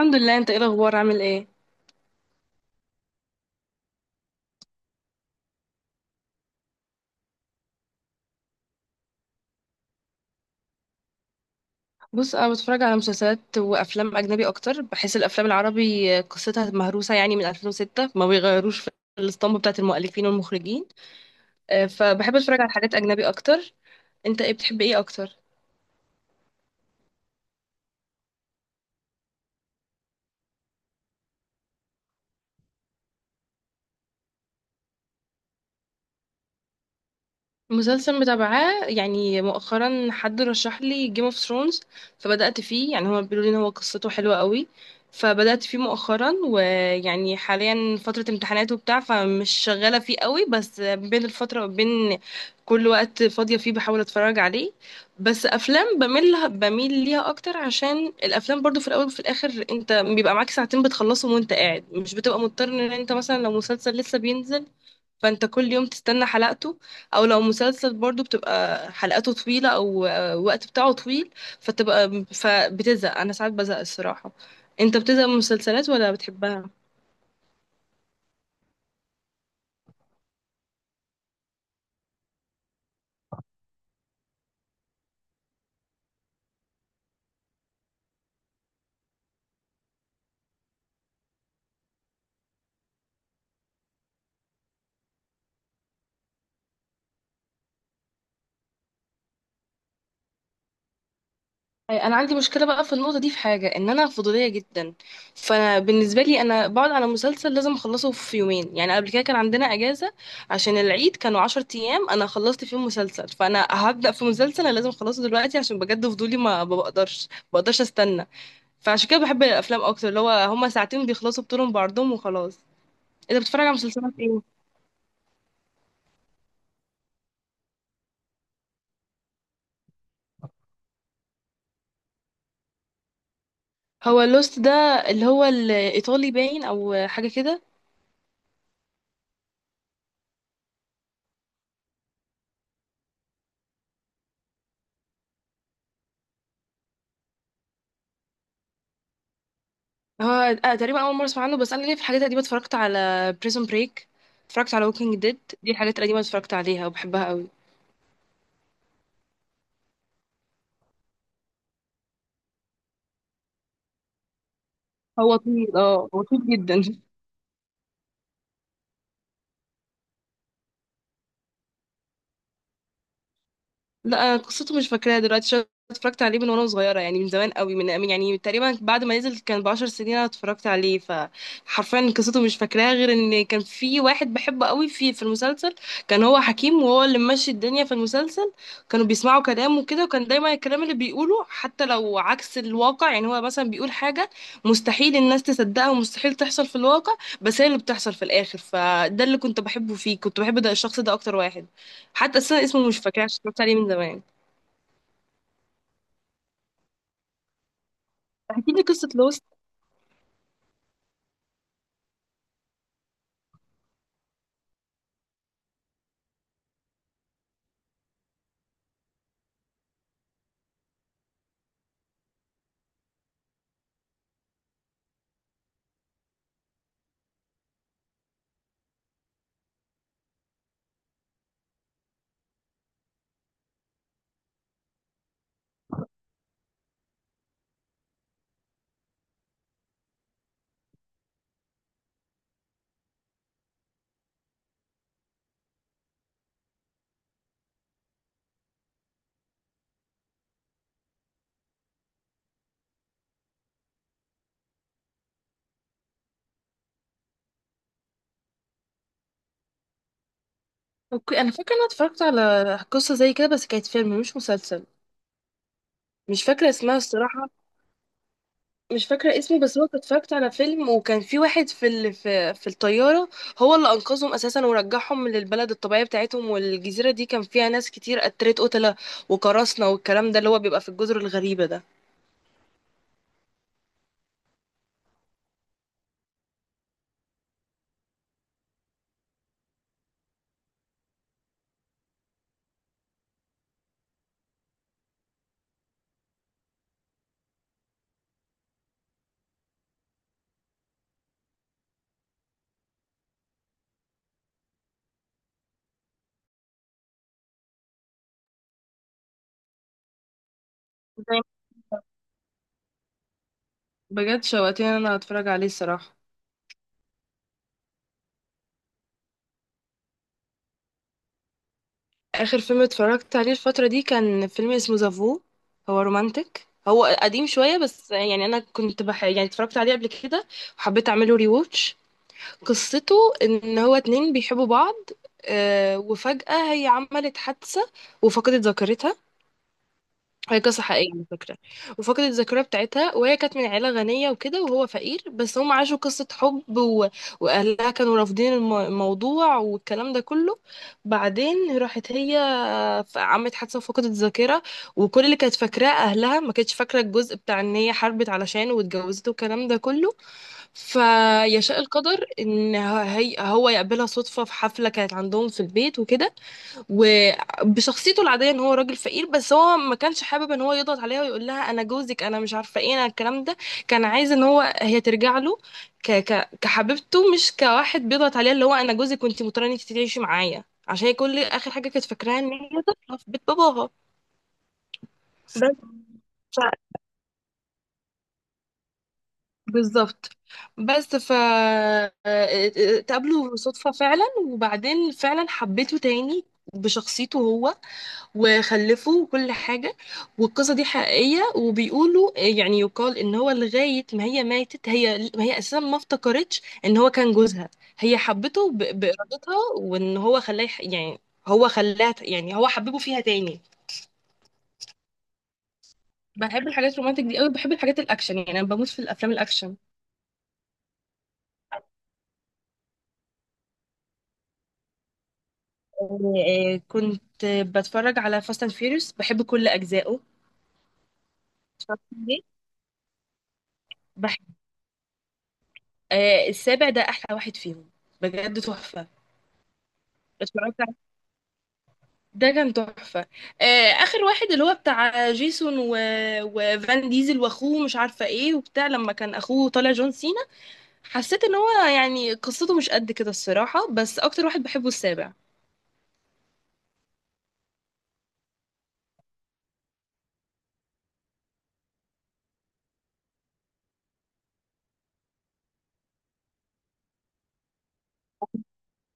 الحمد لله. انت ايه الاخبار، عامل ايه؟ بص، انا بتفرج على مسلسلات وافلام اجنبي اكتر. بحس الافلام العربي قصتها مهروسه، يعني من 2006 ما بيغيروش في الاسطمبه بتاعه المؤلفين والمخرجين. اه، فبحب اتفرج على حاجات اجنبي اكتر. انت ايه بتحب ايه اكتر؟ مسلسل متابعاه يعني مؤخرا، حد رشح لي جيم اوف ثرونز فبدأت فيه. يعني هما بيقولوا لي ان هو قصته حلوة قوي، فبدأت فيه مؤخرا. ويعني حاليا فترة امتحانات وبتاع، فمش شغالة فيه قوي، بس بين الفترة وبين كل وقت فاضية فيه بحاول اتفرج عليه. بس افلام بميل ليها اكتر، عشان الافلام برضو في الاول وفي الاخر انت بيبقى معاك ساعتين بتخلصهم وانت قاعد، مش بتبقى مضطر ان انت مثلا لو مسلسل لسه بينزل فانت كل يوم تستنى حلقته، او لو مسلسل برضو بتبقى حلقاته طويلة، او الوقت بتاعه طويل، فتبقى فبتزهق. انا ساعات بزهق الصراحة. انت بتزهق من المسلسلات ولا بتحبها؟ أي، انا عندي مشكلة بقى في النقطة دي، في حاجة ان انا فضولية جدا. فبالنسبة لي انا بقعد على مسلسل لازم اخلصه في يومين. يعني قبل كده كان عندنا اجازة عشان العيد، كانوا 10 ايام، انا خلصت فيهم مسلسل. فانا هبدأ في مسلسل انا لازم اخلصه دلوقتي عشان بجد فضولي، ما ما بقدرش ما بقدرش استنى. فعشان كده بحب الافلام اكتر، اللي هو هما ساعتين بيخلصوا بطولهم بعرضهم وخلاص. انت بتتفرج على مسلسلات ايه؟ هو لوست ده اللي هو الايطالي باين، او حاجه كده؟ هو تقريبا اول مره اسمع عنه، بس انا ليه في الحاجات القديمه، اتفرجت على بريزون بريك، اتفرجت على ووكينج ديد. دي الحاجات القديمه اتفرجت عليها وبحبها قوي. هو طويل، اه هو طويل جدا. لا، أنا قصته مش فاكراها دلوقتي، عشان اتفرجت عليه من وانا صغيره، يعني من زمان قوي، من يعني تقريبا بعد ما نزل كان بـ10 سنين انا اتفرجت عليه، فحرفيا قصته مش فاكراها، غير ان كان في واحد بحبه قوي في المسلسل. كان هو حكيم، وهو اللي ماشي الدنيا في المسلسل، كانوا بيسمعوا كلامه كده، وكان دايما الكلام اللي بيقوله حتى لو عكس الواقع. يعني هو مثلا بيقول حاجه مستحيل الناس تصدقها ومستحيل تحصل في الواقع، بس هي اللي بتحصل في الاخر. فده اللي كنت بحبه فيه، كنت بحب ده، الشخص ده اكتر واحد. حتى اصلا اسمه مش فاكراه عشان اتفرجت عليه من زمان. احكي لي قصه لوست. اوكي، انا فاكره ان انا اتفرجت على قصه زي كده بس كانت فيلم مش مسلسل، مش فاكره اسمها الصراحه. مش فاكره اسمه، بس هو كنت اتفرجت على فيلم، وكان في واحد في ال... في في الطياره هو اللي انقذهم اساسا، ورجعهم للبلد الطبيعيه بتاعتهم. والجزيره دي كان فيها ناس كتير قتلت قتله وقراصنه والكلام ده، اللي هو بيبقى في الجزر الغريبه ده. زي، بجد شوقتني ان انا اتفرج عليه الصراحه. اخر فيلم اتفرجت عليه الفتره دي كان فيلم اسمه زافو. هو رومانتك، هو قديم شويه، بس يعني انا كنت يعني اتفرجت عليه قبل كده وحبيت اعمله ري ووتش. قصته ان هو اتنين بيحبوا بعض، وفجاه هي عملت حادثه وفقدت ذاكرتها. هي قصة حقيقية على فكرة. وفقدت الذاكرة بتاعتها، وهي كانت من عيلة غنية وكده، وهو فقير، بس هم عاشوا قصة حب، و... وأهلها كانوا رافضين الموضوع والكلام ده كله. بعدين راحت هي، عملت حادثة وفقدت الذاكرة. وكل اللي كانت فاكراه أهلها، ما كانتش فاكرة الجزء بتاع إن هي حاربت علشانه واتجوزته والكلام ده كله. فيشاء القدر إن هي هو يقابلها صدفة في حفلة كانت عندهم في البيت وكده، وبشخصيته العاديه ان هو راجل فقير. بس هو ما كانش حابب ان هو يضغط عليها ويقول لها انا جوزك انا مش عارفه ايه انا الكلام ده، كان عايز ان هو هي ترجع له ك ك كحبيبته، مش كواحد بيضغط عليها اللي هو انا جوزك وانت مضطره ان انت تعيشي معايا، عشان هي كل اخر حاجه كانت فاكراها ان هي طفله في بيت باباها. بس ف- بالظبط بس ف اتقابلوا صدفة فعلا، وبعدين فعلا حبيته تاني بشخصيته هو، وخلفوا وكل حاجة. والقصة دي حقيقية، وبيقولوا يعني يقال ان هو لغاية ما هي ماتت، هي ما هي اساسا ما افتكرتش ان هو كان جوزها. هي حبته بإرادتها، وان هو يعني هو خلاها، يعني هو حببه فيها تاني. بحب الحاجات الرومانتك دي قوي، بحب الحاجات الاكشن، يعني انا بموت في الافلام الاكشن. آه، كنت بتفرج على فاست اند فيوريوس، بحب كل اجزائه. اتفرجت عليه؟ بحب السابع ده احلى واحد فيهم، بجد تحفة. اتفرجت، ده كان تحفة. آه، آخر واحد اللي هو بتاع جيسون و... وفان ديزل وأخوه مش عارفة إيه، وبتاع لما كان أخوه طالع جون سينا، حسيت إن هو يعني قصته مش قد كده الصراحة. بس أكتر واحد بحبه السابع.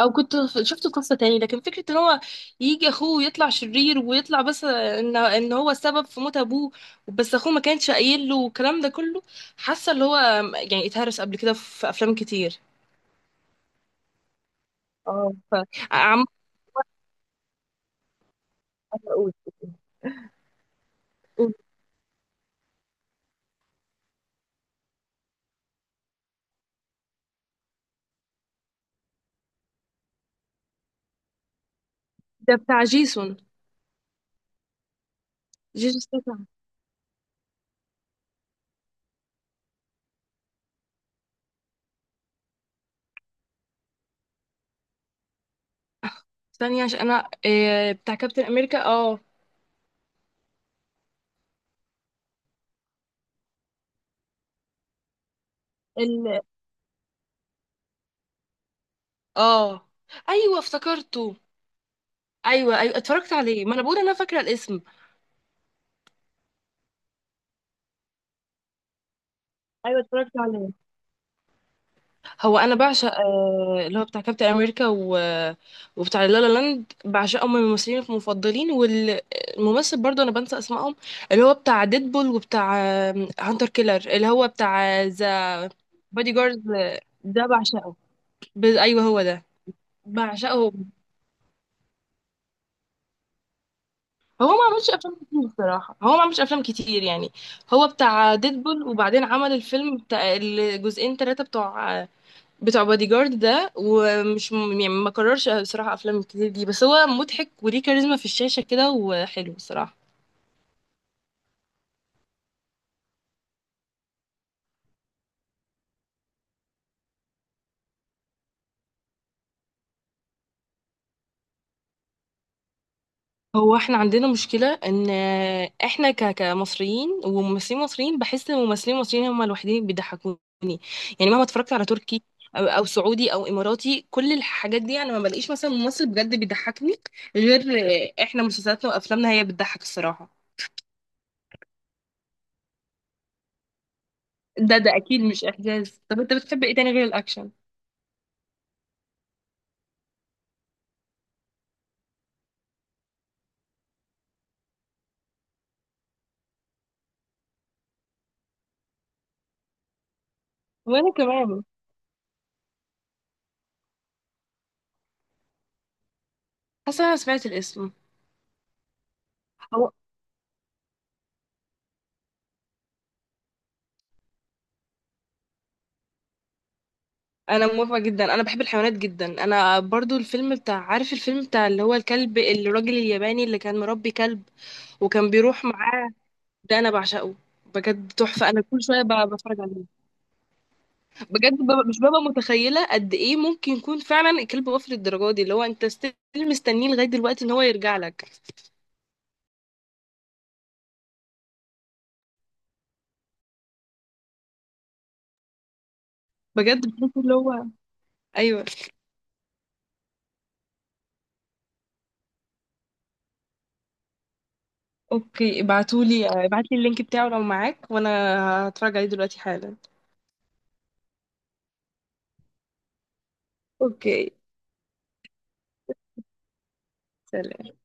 أو كنت شفته في قصة تاني، لكن فكرة إن هو يجي أخوه ويطلع شرير، ويطلع بس إن هو السبب في موت أبوه، بس أخوه ما كانش قايل له والكلام ده كله، حاسة اللي هو يعني اتهرس قبل كده في أفلام كتير. اه ف عم أقول. ده بتاع جيسون، جيجي ستاثام. ثانية، عشان انا إيه، بتاع كابتن امريكا، اه. ال... اه، ايوه، افتكرته. ايوه ايوه اتفرجت عليه، ما انا بقول انا فاكره الاسم. ايوه اتفرجت عليه. هو انا بعشق اللي هو بتاع كابتن امريكا، و وبتاع لا لا لاند، بعشقهم، من الممثلين المفضلين. والممثل برضو انا بنسى اسمائهم، اللي هو بتاع ديدبول، وبتاع هانتر كيلر، اللي هو بتاع ذا بادي جارد، ده بعشقه. ايوه هو ده بعشقه. هو ما عملش افلام كتير بصراحه، هو ما عملش افلام كتير يعني. هو بتاع ديدبول، وبعدين عمل الفيلم بتاع الجزئين ثلاثه، بتوع بادي جارد ده، ومش يعني ما كررش بصراحه افلام كتير دي. بس هو مضحك وليه كاريزما في الشاشه كده، وحلو بصراحه. هو احنا عندنا مشكلة ان احنا كمصريين، وممثلين مصريين بحس ان الممثلين المصريين هم الوحيدين اللي بيضحكوني. يعني مهما اتفرجت على تركي او سعودي او اماراتي، كل الحاجات دي انا ما بلاقيش مثلا ممثل بجد بيضحكني غير احنا. مسلسلاتنا وافلامنا هي بتضحك الصراحة. ده اكيد مش احجاز. طب انت بتحب ايه تاني غير الاكشن؟ وانا كمان. حاسة انا سمعت الاسم. انا موافقه جدا، انا بحب الحيوانات جدا. انا برضو الفيلم بتاع، عارف الفيلم بتاع اللي هو الكلب، الراجل الياباني اللي كان مربي كلب وكان بيروح معاه، ده انا بعشقه، بجد تحفه. انا كل شويه بتفرج عليه. بجد مش ببقى متخيله قد ايه ممكن يكون فعلا الكلب وافي للدرجه دي، اللي هو انت ستيل مستنيه لغايه دلوقتي ان هو يرجع لك. بجد بحس اللي هو، ايوه. اوكي، ابعتلي اللينك بتاعه لو معاك، وانا هتفرج عليه دلوقتي حالا. اوكي، سلام.